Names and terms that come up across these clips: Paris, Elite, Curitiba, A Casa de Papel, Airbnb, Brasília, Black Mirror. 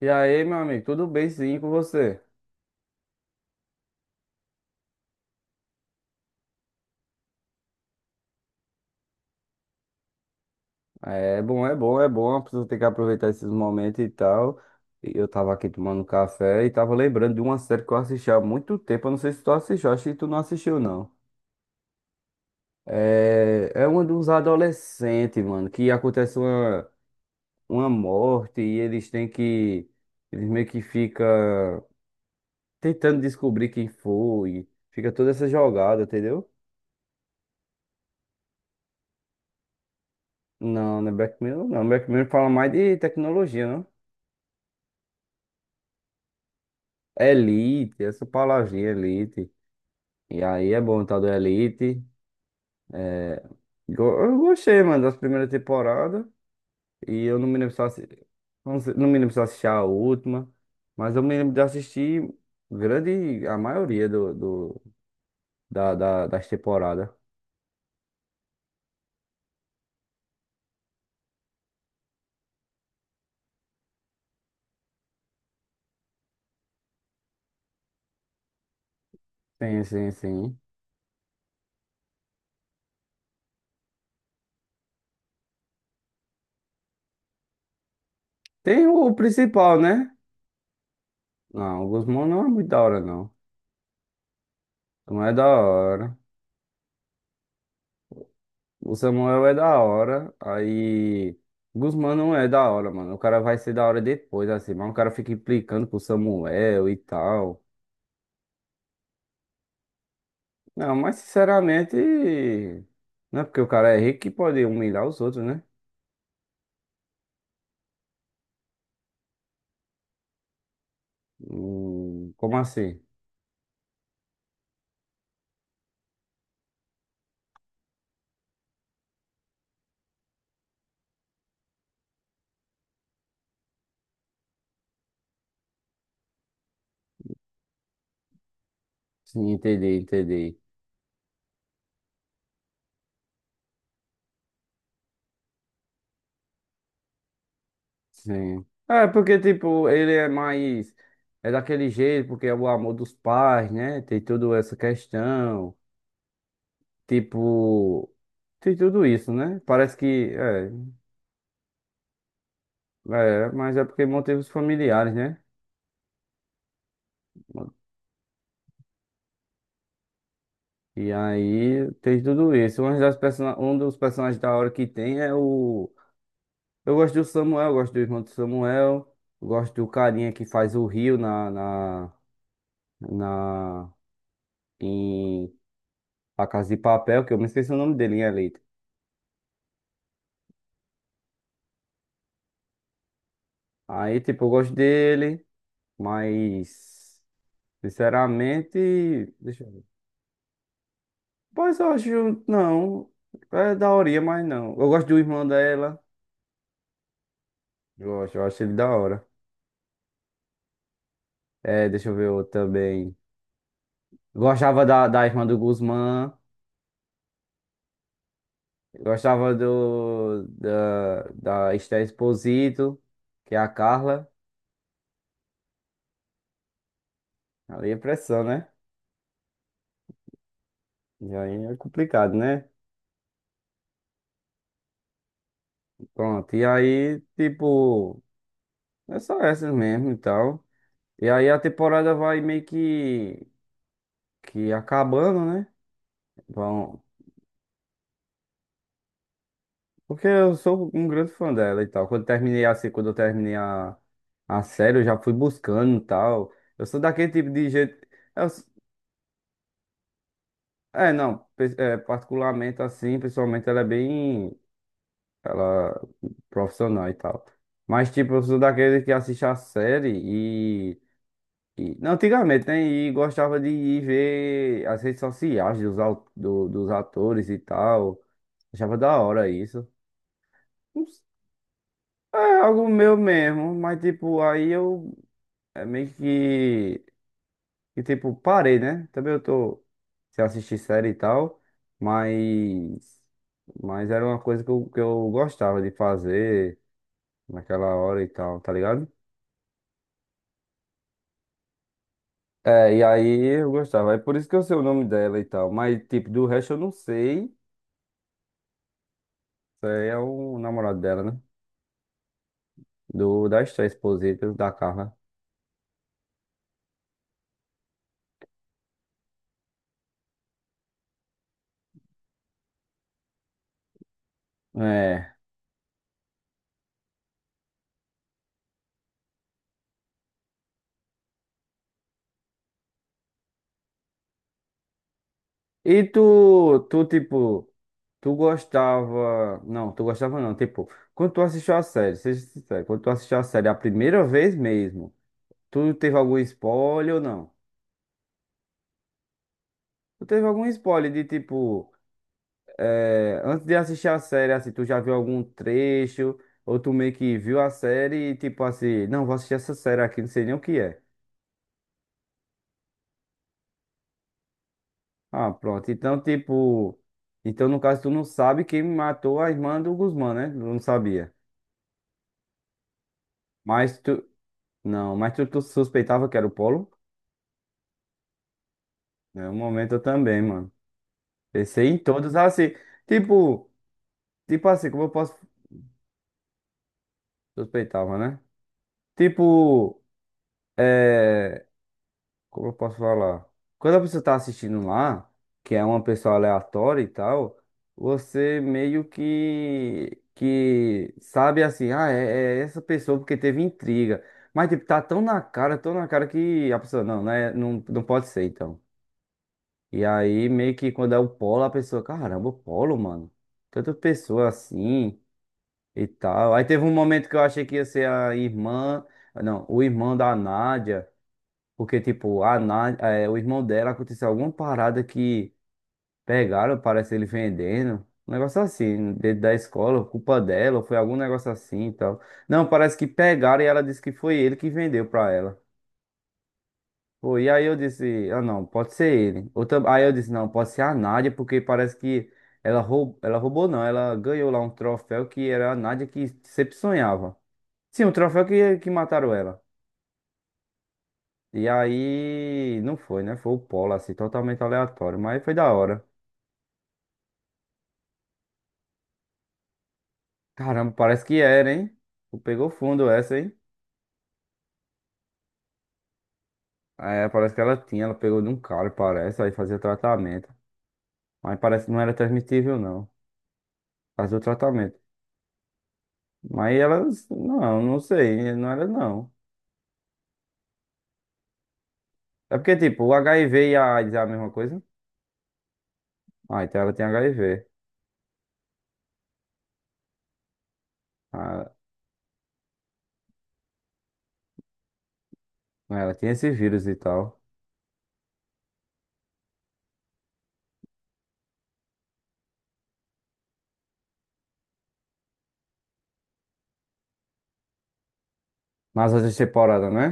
E aí, meu amigo, tudo bem sim com você? É bom, é bom, é bom, a pessoa tem que aproveitar esses momentos e tal. E eu tava aqui tomando café e tava lembrando de uma série que eu assisti há muito tempo, eu não sei se tu assistiu, acho que tu não assistiu não. É uma de uns adolescentes, mano, que acontece uma morte e eles têm que, eles meio que fica tentando descobrir quem foi, fica toda essa jogada, entendeu? Não, não é Black Mirror, não. Black Mirror fala mais de tecnologia, né? Elite, essa palavrinha Elite. E aí é bom tá do Elite. Eu gostei, mano, das primeiras temporadas. E eu não me lembro se eu não me lembro se eu assisti a última, mas eu me lembro de assistir grande, a maioria das temporadas. Sim, sim, sim. Tem o principal, né? Não, o Guzmão não é muito da hora, não. Não é da hora. O Samuel é da hora, aí. Guzmán não é da hora, mano. O cara vai ser da hora depois, assim, mas o cara fica implicando com o Samuel e tal. Não, mas sinceramente, não é porque o cara é rico que pode humilhar os outros, né? Como assim? Sim, entendi, entendi. Sim. É, porque, tipo, ele é mais. É daquele jeito, porque é o amor dos pais, né? Tem toda essa questão. Tipo. Tem tudo isso, né? Parece que. É. É, mas é porque motivos familiares, né? E aí tem tudo isso. Um das persona- um dos personagens da hora que tem é o. Eu gosto do Samuel, eu gosto do irmão do Samuel, eu gosto do carinha que faz o Rio na em A Casa de Papel, que eu me esqueci o nome dele em Elite. Aí, tipo, eu gosto dele, mas sinceramente. Deixa eu ver. Pois eu acho. Não. É daorinha, mas não. Eu gosto do irmão dela. Eu acho ele da hora. É, deixa eu ver outro também. Gostava da, da irmã do Guzmán. Gostava do, da, da Esther Exposito, que é a Carla. Ali é pressão, né? E aí é complicado, né? Pronto. E aí, tipo, é só essas mesmo e tal. E aí a temporada vai meio que acabando, né? Vão, porque eu sou um grande fã dela e tal. Quando terminei assim, quando eu terminei a série, eu já fui buscando e tal. Eu sou daquele tipo de jeito. eu s- é, não, é, particularmente assim, pessoalmente ela é bem. Ela é profissional e tal. Mas, tipo, eu sou daquele que assiste a série e. E não, antigamente, né? E gostava de ir ver as redes sociais dos, dos atores e tal. Achava da hora isso. Não. É algo meu mesmo, mas tipo, aí eu. É meio que, tipo, parei, né? Também eu tô sem assistir série e tal, mas, mas era uma coisa que eu gostava de fazer naquela hora e tal, tá ligado? É, e aí eu gostava, é por isso que eu sei o nome dela e tal, mas, tipo, do resto eu não sei. Isso aí é o namorado dela, né? Do, da Esther Exposito, da Carla. É. E tu, tipo. Tu gostava. Não, tu gostava não. Tipo, quando tu assistiu a série, seja sincero, quando tu assistiu a série a primeira vez mesmo, tu teve algum spoiler ou não? Tu teve algum spoiler de tipo. Antes de assistir a série, assim, tu já viu algum trecho? Ou tu meio que viu a série e tipo assim, não, vou assistir essa série aqui, não sei nem o que é. Ah, pronto. Então, tipo. Então, no caso, tu não sabe quem matou a irmã do Guzmán, né? Não sabia. Mas tu. Não, mas tu, tu suspeitava que era o Polo? É um momento eu também, mano. Pensei em todos assim. Tipo, tipo assim, como eu posso. Suspeitava, né? Tipo, é. Como eu posso falar? Quando a pessoa tá assistindo lá, que é uma pessoa aleatória e tal, você meio que. Que sabe assim, ah, é, é essa pessoa porque teve intriga. Mas, tipo, tá tão na cara que a pessoa, não, né? Não, não pode ser, então. E aí, meio que quando é o polo, a pessoa, caramba, o polo, mano. Tanta pessoa assim e tal. Aí teve um momento que eu achei que ia ser a irmã, não, o irmão da Nádia, porque, tipo, a Nádia, é, o irmão dela aconteceu alguma parada que pegaram, parece ele vendendo. Um negócio assim, dentro da escola, culpa dela, ou foi algum negócio assim e tal. Não, parece que pegaram e ela disse que foi ele que vendeu pra ela. Pô, e aí eu disse, ah não, pode ser ele. Aí eu disse, não, pode ser a Nádia, porque parece que ela roubou não, ela ganhou lá um troféu que era a Nádia que sempre sonhava. Sim, um troféu que mataram ela. E aí, não foi, né? Foi o Polo, assim, totalmente aleatório, mas foi da hora. Caramba, parece que era, hein? Tu pegou fundo essa, hein? É, parece que ela tinha, ela pegou de um cara, parece, aí fazia tratamento. Mas parece que não era transmitível, não. Fazia o tratamento. Mas elas, não, não sei, não era não. É porque, tipo, o HIV e a AIDS é a mesma coisa? Ah, então ela tem HIV. Ah, né, ela tem esse vírus e tal. Nas outras temporadas, né?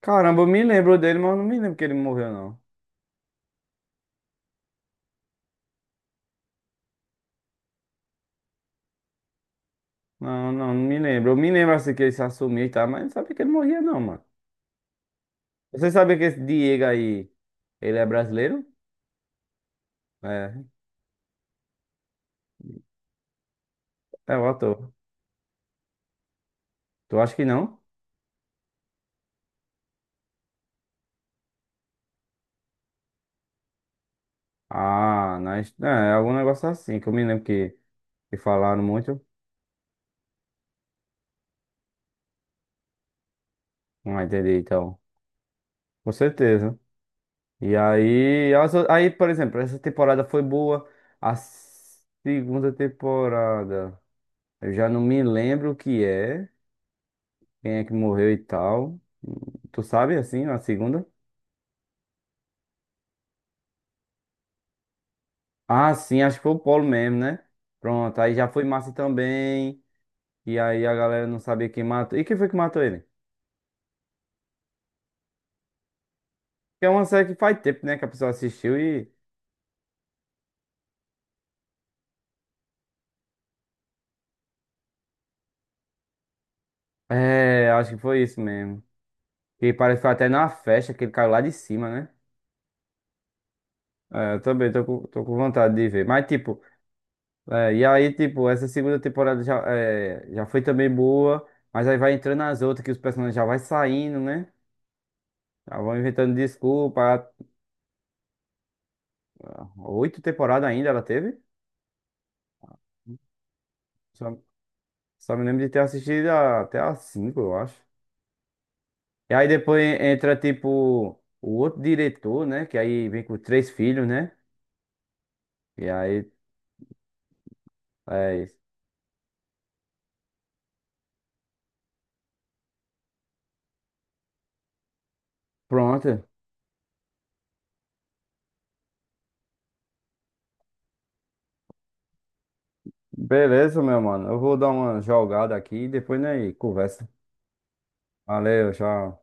Caramba, eu me lembro dele, mas eu não me lembro que ele morreu, não. Não, não, não me lembro. Eu me lembro assim que ele se assumiu e tal, mas não sabia que ele morria, não, mano. Você sabia que esse Diego aí, ele é brasileiro? É, é o ator. Tu acha que não? Ah, nós, é, é algum negócio assim, que eu me lembro que falaram muito. Ah, entendi, então. Com certeza. E aí, as aí, por exemplo, essa temporada foi boa. A segunda temporada, eu já não me lembro o que é, quem é que morreu e tal. Tu sabe, assim, a segunda? Ah, sim, acho que foi o Polo mesmo, né? Pronto, aí já foi massa também. E aí a galera não sabia quem matou. E quem foi que matou ele? Que é uma série que faz tempo, né? Que a pessoa assistiu e. É, acho que foi isso mesmo. E parece que foi até na festa que ele caiu lá de cima, né? É, eu também tô com vontade de ver. Mas, tipo, é, e aí, tipo, essa segunda temporada já, é, já foi também boa, mas aí vai entrando as outras que os personagens já vai saindo, né? Já vão inventando desculpa. Ah, oito temporadas ainda ela teve? Só, só me lembro de ter assistido até as cinco, eu acho. E aí depois entra, tipo, o outro diretor, né? Que aí vem com três filhos, né? E aí, é, isso. Pronto. Beleza, meu mano. Eu vou dar uma jogada aqui e depois, né, conversa. Valeu, tchau.